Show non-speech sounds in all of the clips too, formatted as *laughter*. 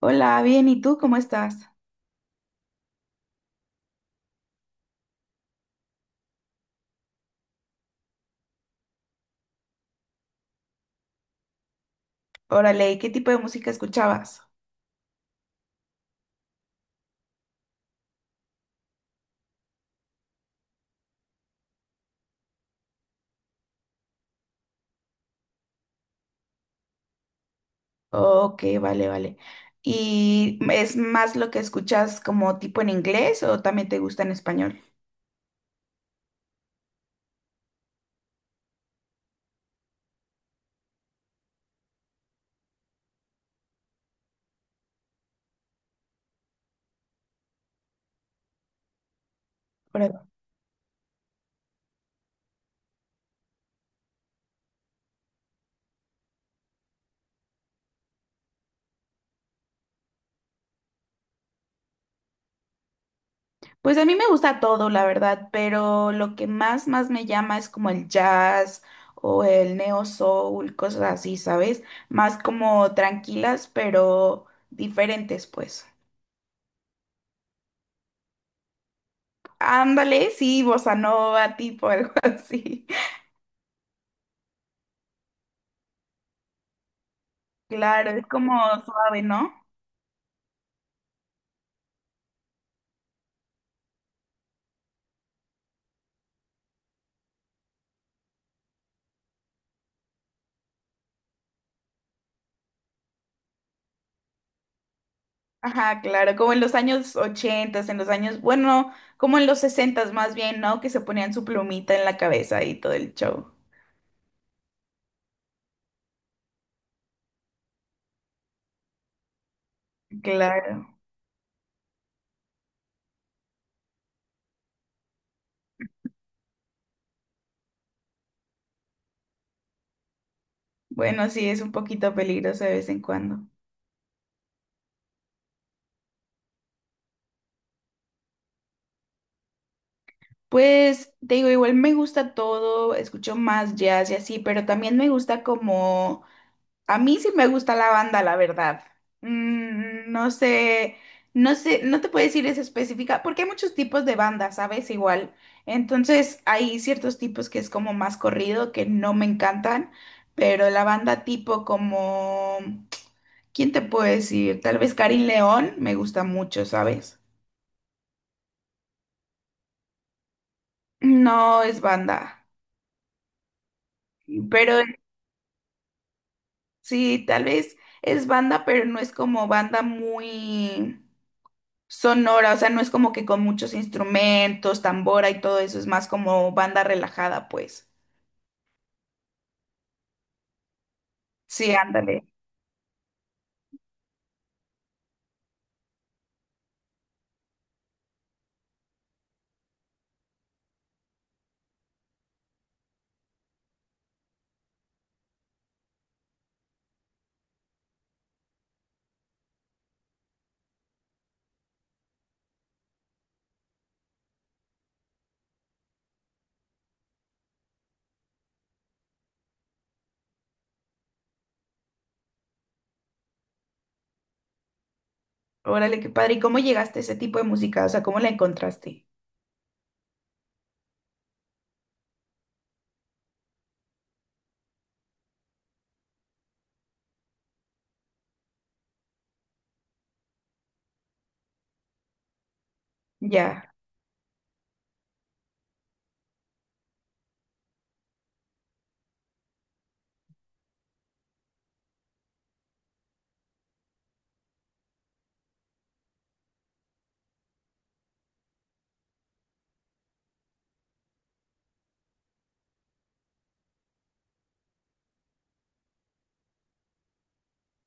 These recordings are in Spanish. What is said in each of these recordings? Hola, bien, ¿y tú cómo estás? Órale, ¿y qué tipo de música escuchabas? Ok, vale, vale. ¿Y es más lo que escuchas como tipo en inglés o también te gusta en español? Órale. Pues a mí me gusta todo, la verdad, pero lo que más, más me llama es como el jazz o el neo soul, cosas así, ¿sabes? Más como tranquilas, pero diferentes, pues. Ándale, sí, bossa nova, tipo algo *laughs* así. Claro, es como suave, ¿no? Ajá, claro, como en los años 80, en los años, bueno, como en los 60 más bien, ¿no? Que se ponían su plumita en la cabeza y todo el show. Claro. Bueno, sí, es un poquito peligroso de vez en cuando. Pues te digo, igual me gusta todo, escucho más jazz y así, pero también me gusta como a mí sí me gusta la banda, la verdad. Mm, no sé, no sé, no te puedo decir es específica, porque hay muchos tipos de bandas, ¿sabes? Igual. Entonces, hay ciertos tipos que es como más corrido, que no me encantan, pero la banda tipo como, ¿quién te puedo decir? Tal vez Karin León me gusta mucho, ¿sabes? No es banda, pero sí, tal vez es banda, pero no es como banda muy sonora, o sea, no es como que con muchos instrumentos, tambora y todo eso, es más como banda relajada, pues. Sí, ándale. Órale, qué padre. ¿Y cómo llegaste a ese tipo de música? O sea, ¿cómo la encontraste? Ya.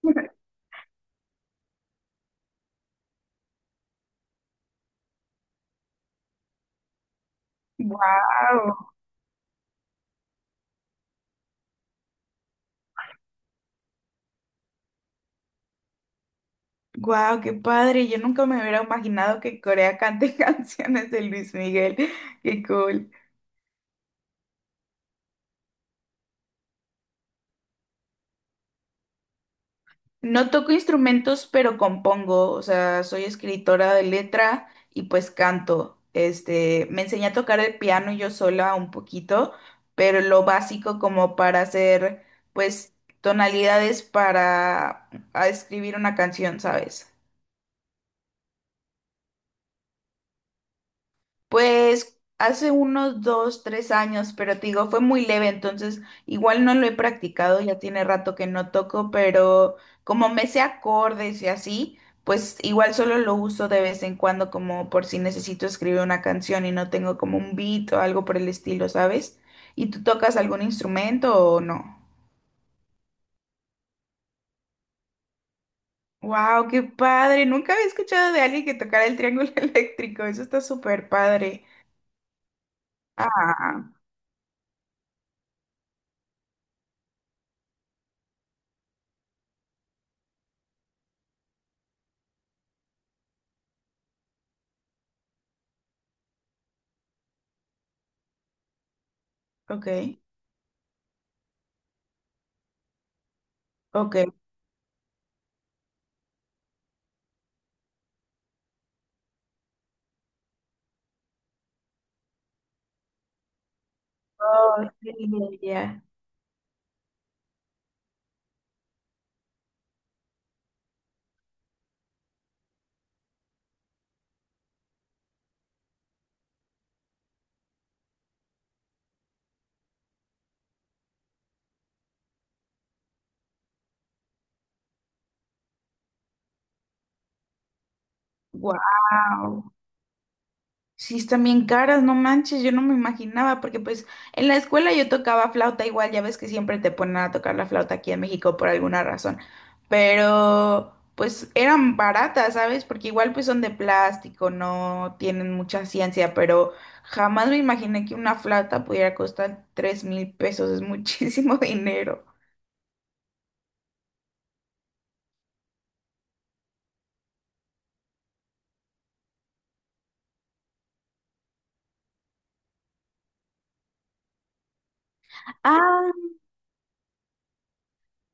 *laughs* Wow. Wow, qué padre. Yo nunca me hubiera imaginado que Corea cante *laughs* canciones de Luis Miguel. Qué cool. No toco instrumentos, pero compongo, o sea, soy escritora de letra y pues canto. Me enseñé a tocar el piano yo sola un poquito, pero lo básico como para hacer, pues, tonalidades para a escribir una canción, ¿sabes? Pues hace unos dos, tres años, pero te digo, fue muy leve, entonces igual no lo he practicado, ya tiene rato que no toco, pero como me sé acordes y así, pues igual solo lo uso de vez en cuando como por si necesito escribir una canción y no tengo como un beat o algo por el estilo, ¿sabes? ¿Y tú tocas algún instrumento o no? ¡Wow! ¡Qué padre! Nunca había escuchado de alguien que tocara el triángulo *laughs* eléctrico, eso está súper padre. Ah, ok, ok. Oh, sí, ya. Wow. Sí, están bien caras, no manches, yo no me imaginaba, porque pues en la escuela yo tocaba flauta igual, ya ves que siempre te ponen a tocar la flauta aquí en México por alguna razón, pero pues eran baratas, ¿sabes? Porque igual pues son de plástico, no tienen mucha ciencia, pero jamás me imaginé que una flauta pudiera costar 3,000 pesos, es muchísimo *laughs* dinero. Ah,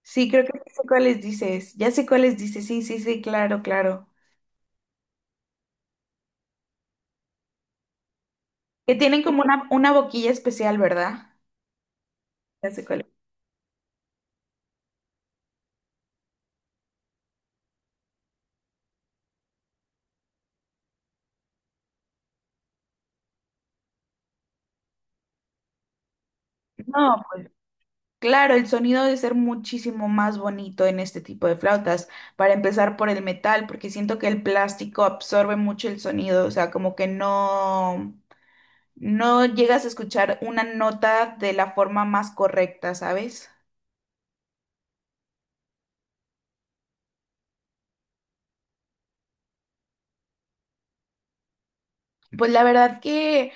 sí, creo que ya sé cuáles dices, ya sé cuáles dices, sí, sí, sí, claro, claro. Que tienen como una boquilla especial, ¿verdad? Ya sé cuál es. No, pues claro, el sonido debe ser muchísimo más bonito en este tipo de flautas, para empezar por el metal, porque siento que el plástico absorbe mucho el sonido, o sea, como que no, no llegas a escuchar una nota de la forma más correcta, ¿sabes? Pues la verdad que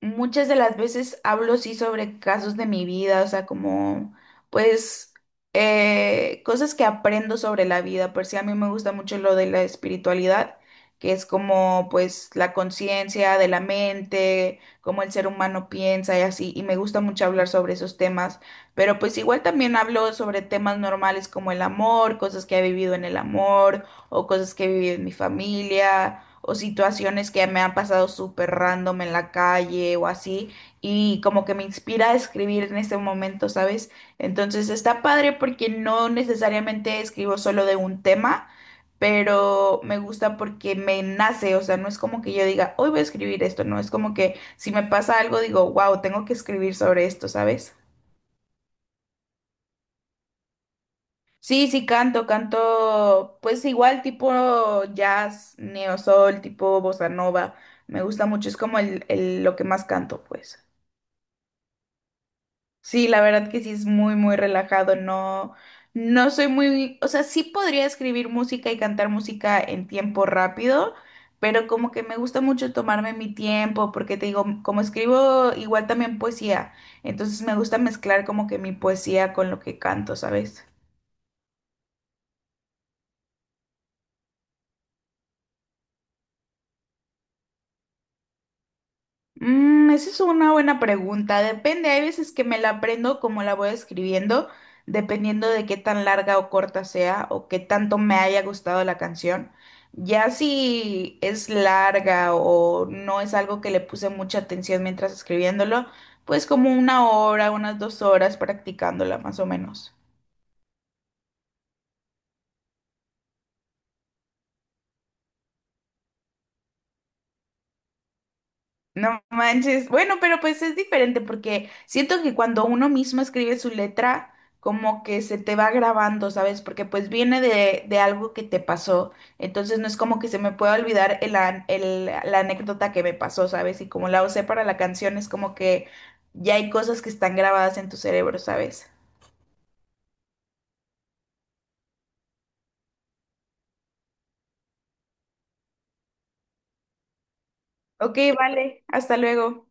muchas de las veces hablo sí sobre casos de mi vida, o sea, como pues cosas que aprendo sobre la vida. Por si a mí me gusta mucho lo de la espiritualidad, que es como pues la conciencia de la mente, cómo el ser humano piensa y así, y me gusta mucho hablar sobre esos temas. Pero pues igual también hablo sobre temas normales como el amor, cosas que he vivido en el amor o cosas que he vivido en mi familia o situaciones que me han pasado súper random en la calle o así, y como que me inspira a escribir en ese momento, ¿sabes? Entonces está padre porque no necesariamente escribo solo de un tema, pero me gusta porque me nace, o sea, no es como que yo diga, hoy voy a escribir esto, no, es como que si me pasa algo digo, wow, tengo que escribir sobre esto, ¿sabes? Sí, sí, canto, canto, pues igual tipo jazz, neosoul, tipo bossa nova, me gusta mucho, es como lo que más canto, pues. Sí, la verdad que sí es muy, muy relajado, no, no soy muy, o sea, sí podría escribir música y cantar música en tiempo rápido, pero como que me gusta mucho tomarme mi tiempo, porque te digo, como escribo igual también poesía, entonces me gusta mezclar como que mi poesía con lo que canto, ¿sabes? Mm, esa es una buena pregunta. Depende, hay veces que me la aprendo como la voy escribiendo, dependiendo de qué tan larga o corta sea o qué tanto me haya gustado la canción. Ya si es larga o no es algo que le puse mucha atención mientras escribiéndolo, pues como una hora, unas 2 horas practicándola más o menos. No manches. Bueno, pero pues es diferente porque siento que cuando uno mismo escribe su letra, como que se te va grabando, ¿sabes? Porque pues viene de algo que te pasó. Entonces no es como que se me pueda olvidar la anécdota que me pasó, ¿sabes? Y como la usé para la canción, es como que ya hay cosas que están grabadas en tu cerebro, ¿sabes? Ok, vale. Hasta luego.